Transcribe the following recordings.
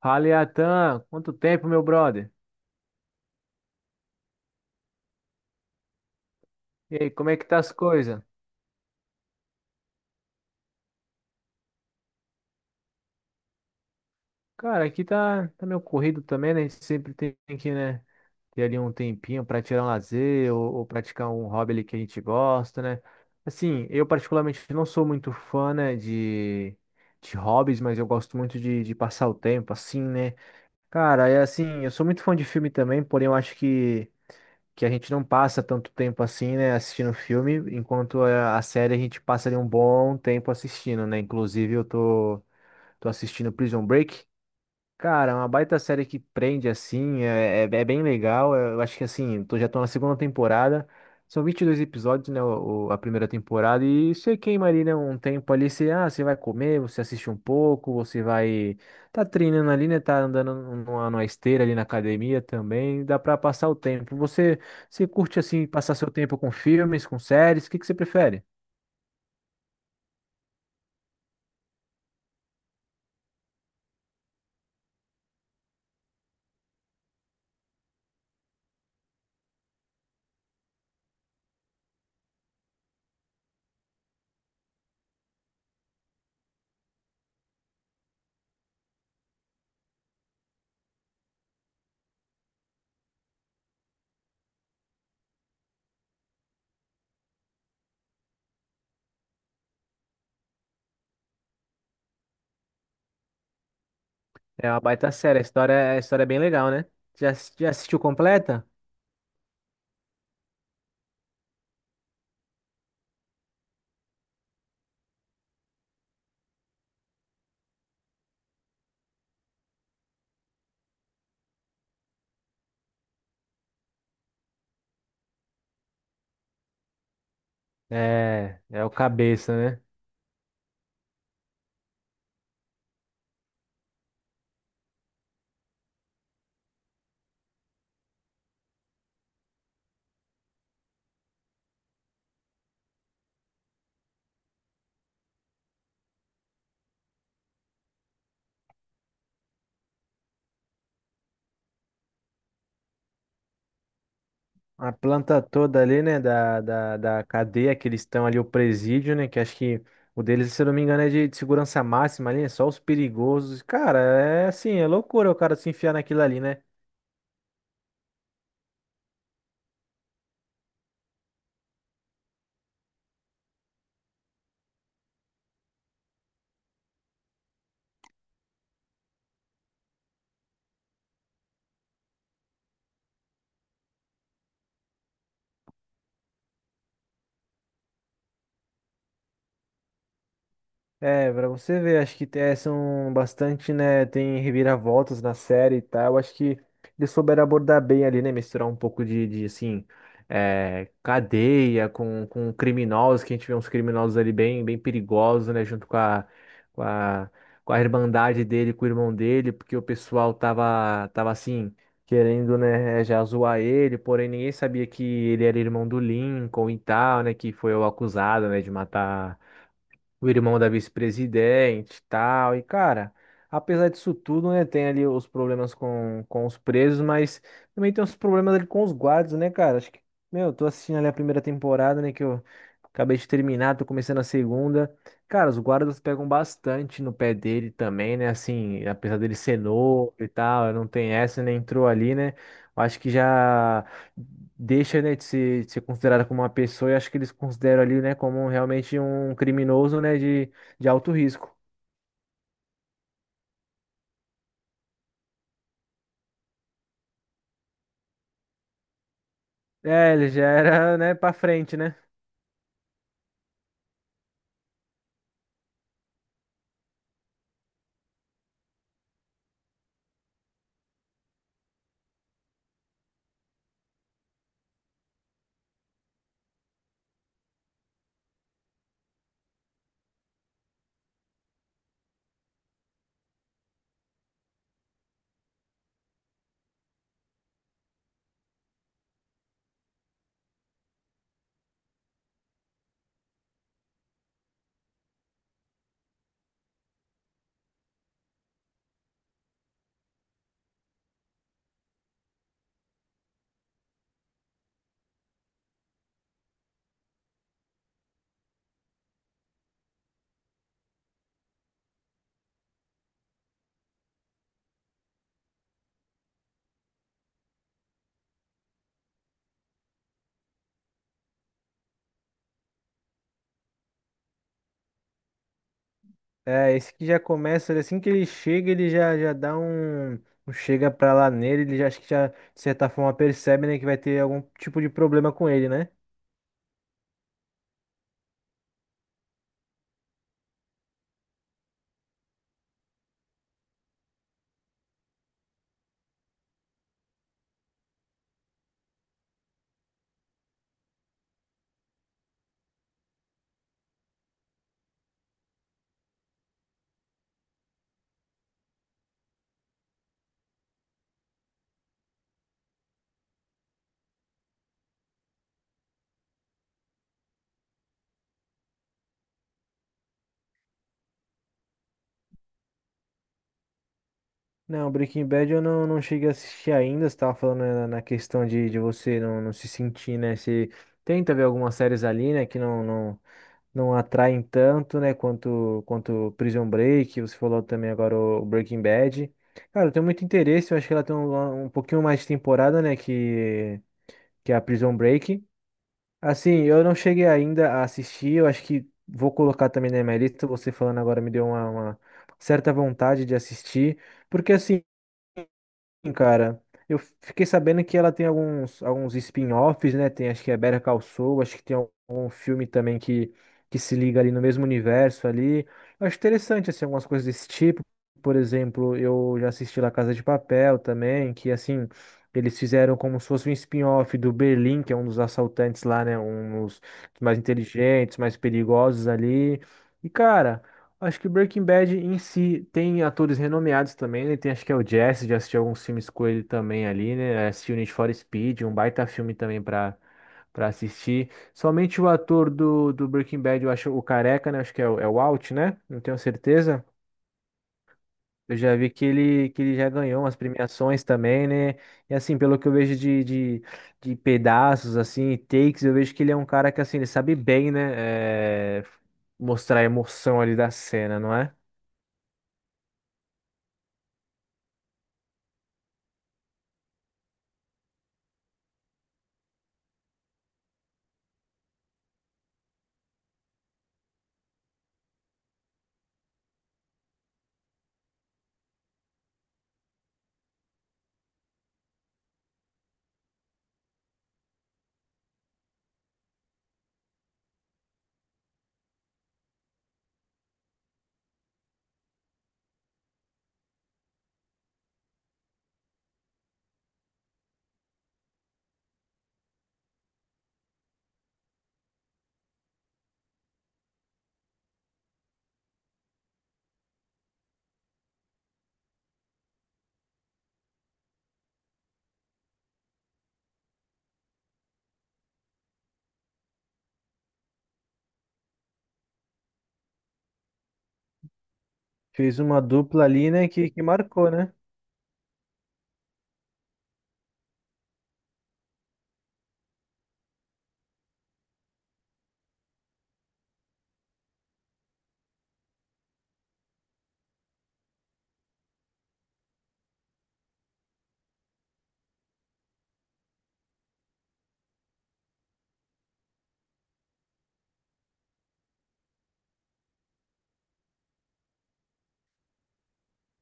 Fala, Iatan, quanto tempo, meu brother? E aí, como é que tá as coisas? Cara, aqui tá meio corrido também, né? A gente sempre tem que ter ali um tempinho pra tirar um lazer ou praticar um hobby ali que a gente gosta, né? Assim, eu particularmente não sou muito fã, né, de hobbies, mas eu gosto muito de passar o tempo, assim, né? Cara, é assim, eu sou muito fã de filme também, porém eu acho que a gente não passa tanto tempo assim, né, assistindo filme, enquanto a série a gente passa ali um bom tempo assistindo, né? Inclusive eu tô assistindo Prison Break. Cara, é uma baita série que prende, assim, é bem legal. Eu acho que, assim, já tô na segunda temporada. São 22 episódios, né, a primeira temporada. E você queima ali, né, um tempo ali. Você, você vai comer, você assiste um pouco, você vai... Tá treinando ali, né, tá andando numa esteira ali na academia também. Dá pra passar o tempo. Você curte, assim, passar seu tempo com filmes, com séries? O que que você prefere? É uma baita série. A história é bem legal, né? Já, já assistiu completa? É, é o cabeça, né? A planta toda ali, né, da cadeia que eles estão ali, o presídio, né, que acho que o deles, se eu não me engano, é de segurança máxima ali, é só os perigosos. Cara, é assim, é loucura o cara se enfiar naquilo ali, né? É, pra você ver, acho que é, são bastante, né? Tem reviravoltas na série e tal. Eu acho que eles souberam abordar bem ali, né? Misturar um pouco de assim, é, cadeia com criminosos, que a gente vê uns criminosos ali bem perigosos, né? Junto com a, com a irmandade dele, com o irmão dele, porque o pessoal tava assim, querendo, né? é, Já zoar ele, porém ninguém sabia que ele era irmão do Lincoln e tal, né? Que foi o acusado, né? De matar o irmão da vice-presidente, e tal. E, cara, apesar disso tudo, né, tem ali os problemas com os presos, mas também tem os problemas ali com os guardas, né, cara? Acho que, meu, eu tô assistindo ali a primeira temporada, né, que eu acabei de terminar, tô começando a segunda. Cara, os guardas pegam bastante no pé dele também, né, assim, apesar dele ser novo e tal, não tem essa, né, entrou ali, né? Eu acho que já deixa, né, de ser considerada como uma pessoa e acho que eles consideram ali, né, como realmente um criminoso, né, de alto risco. É, ele já era, né, pra frente, né? É, esse que já começa, assim que ele chega, ele já dá um, um chega pra lá nele, ele já acho que já, de certa forma, percebe, né, que vai ter algum tipo de problema com ele, né? Não, Breaking Bad eu não cheguei a assistir ainda, você tava falando né, na na questão de você não se sentir, né, se tenta ver algumas séries ali, né, que não atraem tanto, né, quanto Prison Break, você falou também agora o Breaking Bad. Cara, eu tenho muito interesse, eu acho que ela tem um, um pouquinho mais de temporada, né, que é a Prison Break. Assim, eu não cheguei ainda a assistir, eu acho que vou colocar também na minha lista, você falando agora me deu uma certa vontade de assistir, porque assim, Sim, cara, eu fiquei sabendo que ela tem alguns, alguns spin-offs, né? Tem, acho que é Better Call Saul, acho que tem algum filme também que se liga ali no mesmo universo ali. Eu acho interessante, assim, algumas coisas desse tipo. Por exemplo, eu já assisti La Casa de Papel também, que, assim, eles fizeram como se fosse um spin-off do Berlim, que é um dos assaltantes lá, né? Um dos mais inteligentes, mais perigosos ali. E, cara... Acho que Breaking Bad em si tem atores renomeados também, né? Tem acho que é o Jesse, já assisti alguns filmes com ele também ali, né? Assisti o Need for Speed, um baita filme também pra assistir. Somente o ator do Breaking Bad, eu acho o Careca, né? Acho que é o, é o Walt, né? Não tenho certeza. Eu já vi que ele já ganhou umas premiações também, né? E assim, pelo que eu vejo de pedaços, assim, takes, eu vejo que ele é um cara que, assim, ele sabe bem, né? É, mostrar a emoção ali da cena, não é? Fez uma dupla ali, né, que marcou, né?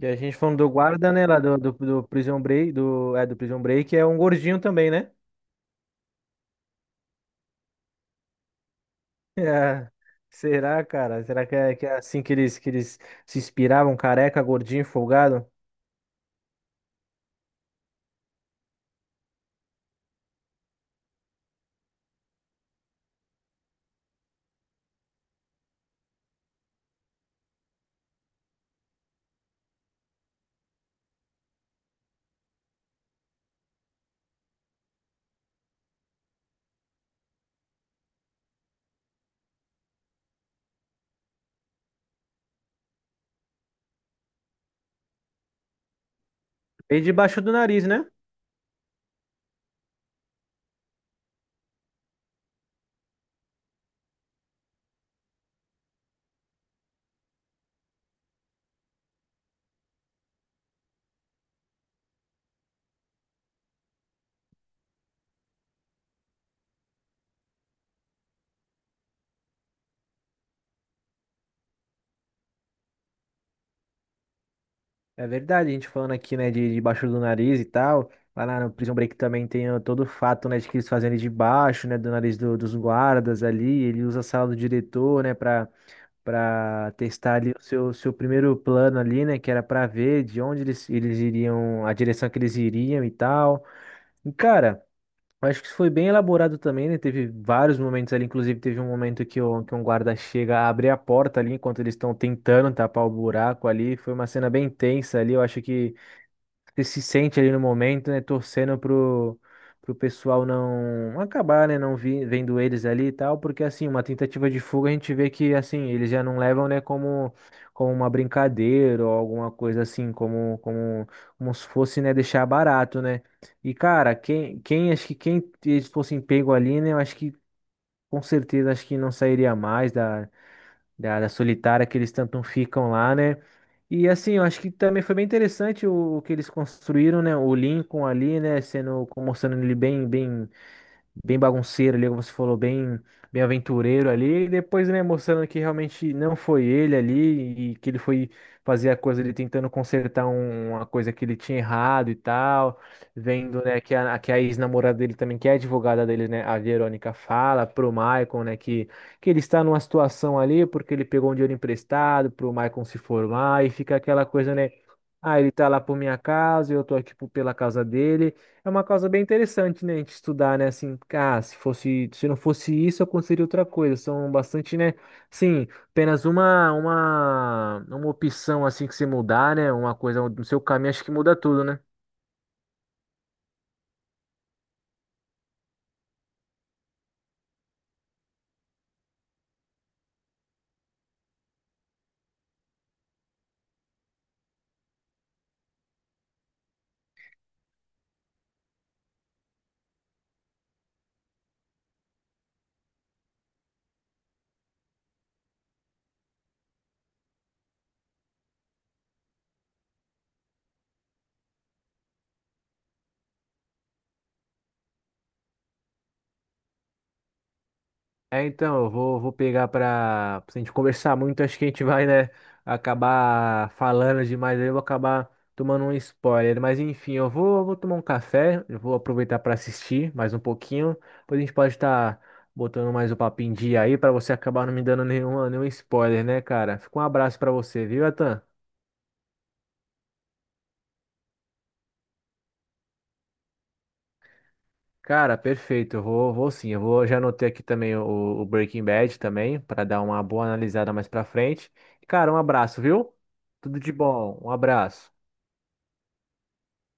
E a gente falando do guarda, né, lá do Prison Break, do, é, do Prison Break, é um gordinho também, né? É. Será, cara? Será que é assim que eles se inspiravam? Careca, gordinho, folgado? Veio debaixo do nariz, né? É verdade, a gente falando aqui, né, de debaixo do nariz e tal. Lá na- no Prison Break também tem ó, todo o fato, né, de que eles fazem ele de baixo, né, do nariz do- dos guardas ali. Ele usa a sala do diretor, né, pra para testar ali o seu primeiro plano ali, né? Que era para ver de onde eles iriam, a direção que eles iriam e tal. E, cara, eu acho que isso foi bem elaborado também, né? Teve vários momentos ali, inclusive teve um momento que, que um guarda chega a abrir a porta ali enquanto eles estão tentando tapar o buraco ali. Foi uma cena bem tensa ali, eu acho que. Você se sente ali no momento, né? Torcendo pro pessoal não acabar, né? Não vi, vendo eles ali e tal, porque assim, uma tentativa de fuga a gente vê que assim, eles já não levam, né, como, como uma brincadeira ou alguma coisa assim, como, como, como se fosse, né, deixar barato, né? E cara, quem acho que quem eles fossem pego ali, né? Eu acho que com certeza acho que não sairia mais da área solitária que eles tanto ficam lá, né? E assim, eu acho que também foi bem interessante o que eles construíram, né? O Lincoln ali, né? Sendo, mostrando ele bem bagunceiro ali, como você falou, bem aventureiro ali, e depois, né, mostrando que realmente não foi ele ali, e que ele foi fazer a coisa ali tentando consertar um- uma coisa que ele tinha errado e tal, vendo, né, que a ex-namorada dele também, que é advogada dele, né, a Verônica fala pro Maicon, né, que ele está numa situação ali porque ele pegou um dinheiro emprestado pro Maicon se formar, e fica aquela coisa, né, ah, ele tá lá por minha casa, eu tô aqui por- pela casa dele, é uma causa bem interessante, né, a gente estudar, né, assim, ah, se fosse, se não fosse isso, aconteceria outra coisa. São bastante, né, sim, apenas uma opção, assim, que você mudar, né, uma coisa no seu caminho, acho que muda tudo, né? É, então, eu vou pegar pra. Se a gente conversar muito, acho que a gente vai, né, acabar falando demais aí, eu vou acabar tomando um spoiler. Mas enfim, eu vou tomar um café, eu vou aproveitar pra assistir mais um pouquinho. Depois a gente pode estar botando mais o papo em dia aí, pra você acabar não me dando nenhuma, nenhum spoiler, né, cara? Fica um abraço pra você, viu, Atan? Cara, perfeito. Eu vou, vou sim. Eu vou, já anotei aqui também o Breaking Bad também, para dar uma boa analisada mais pra frente. Cara, um abraço, viu? Tudo de bom. Um abraço.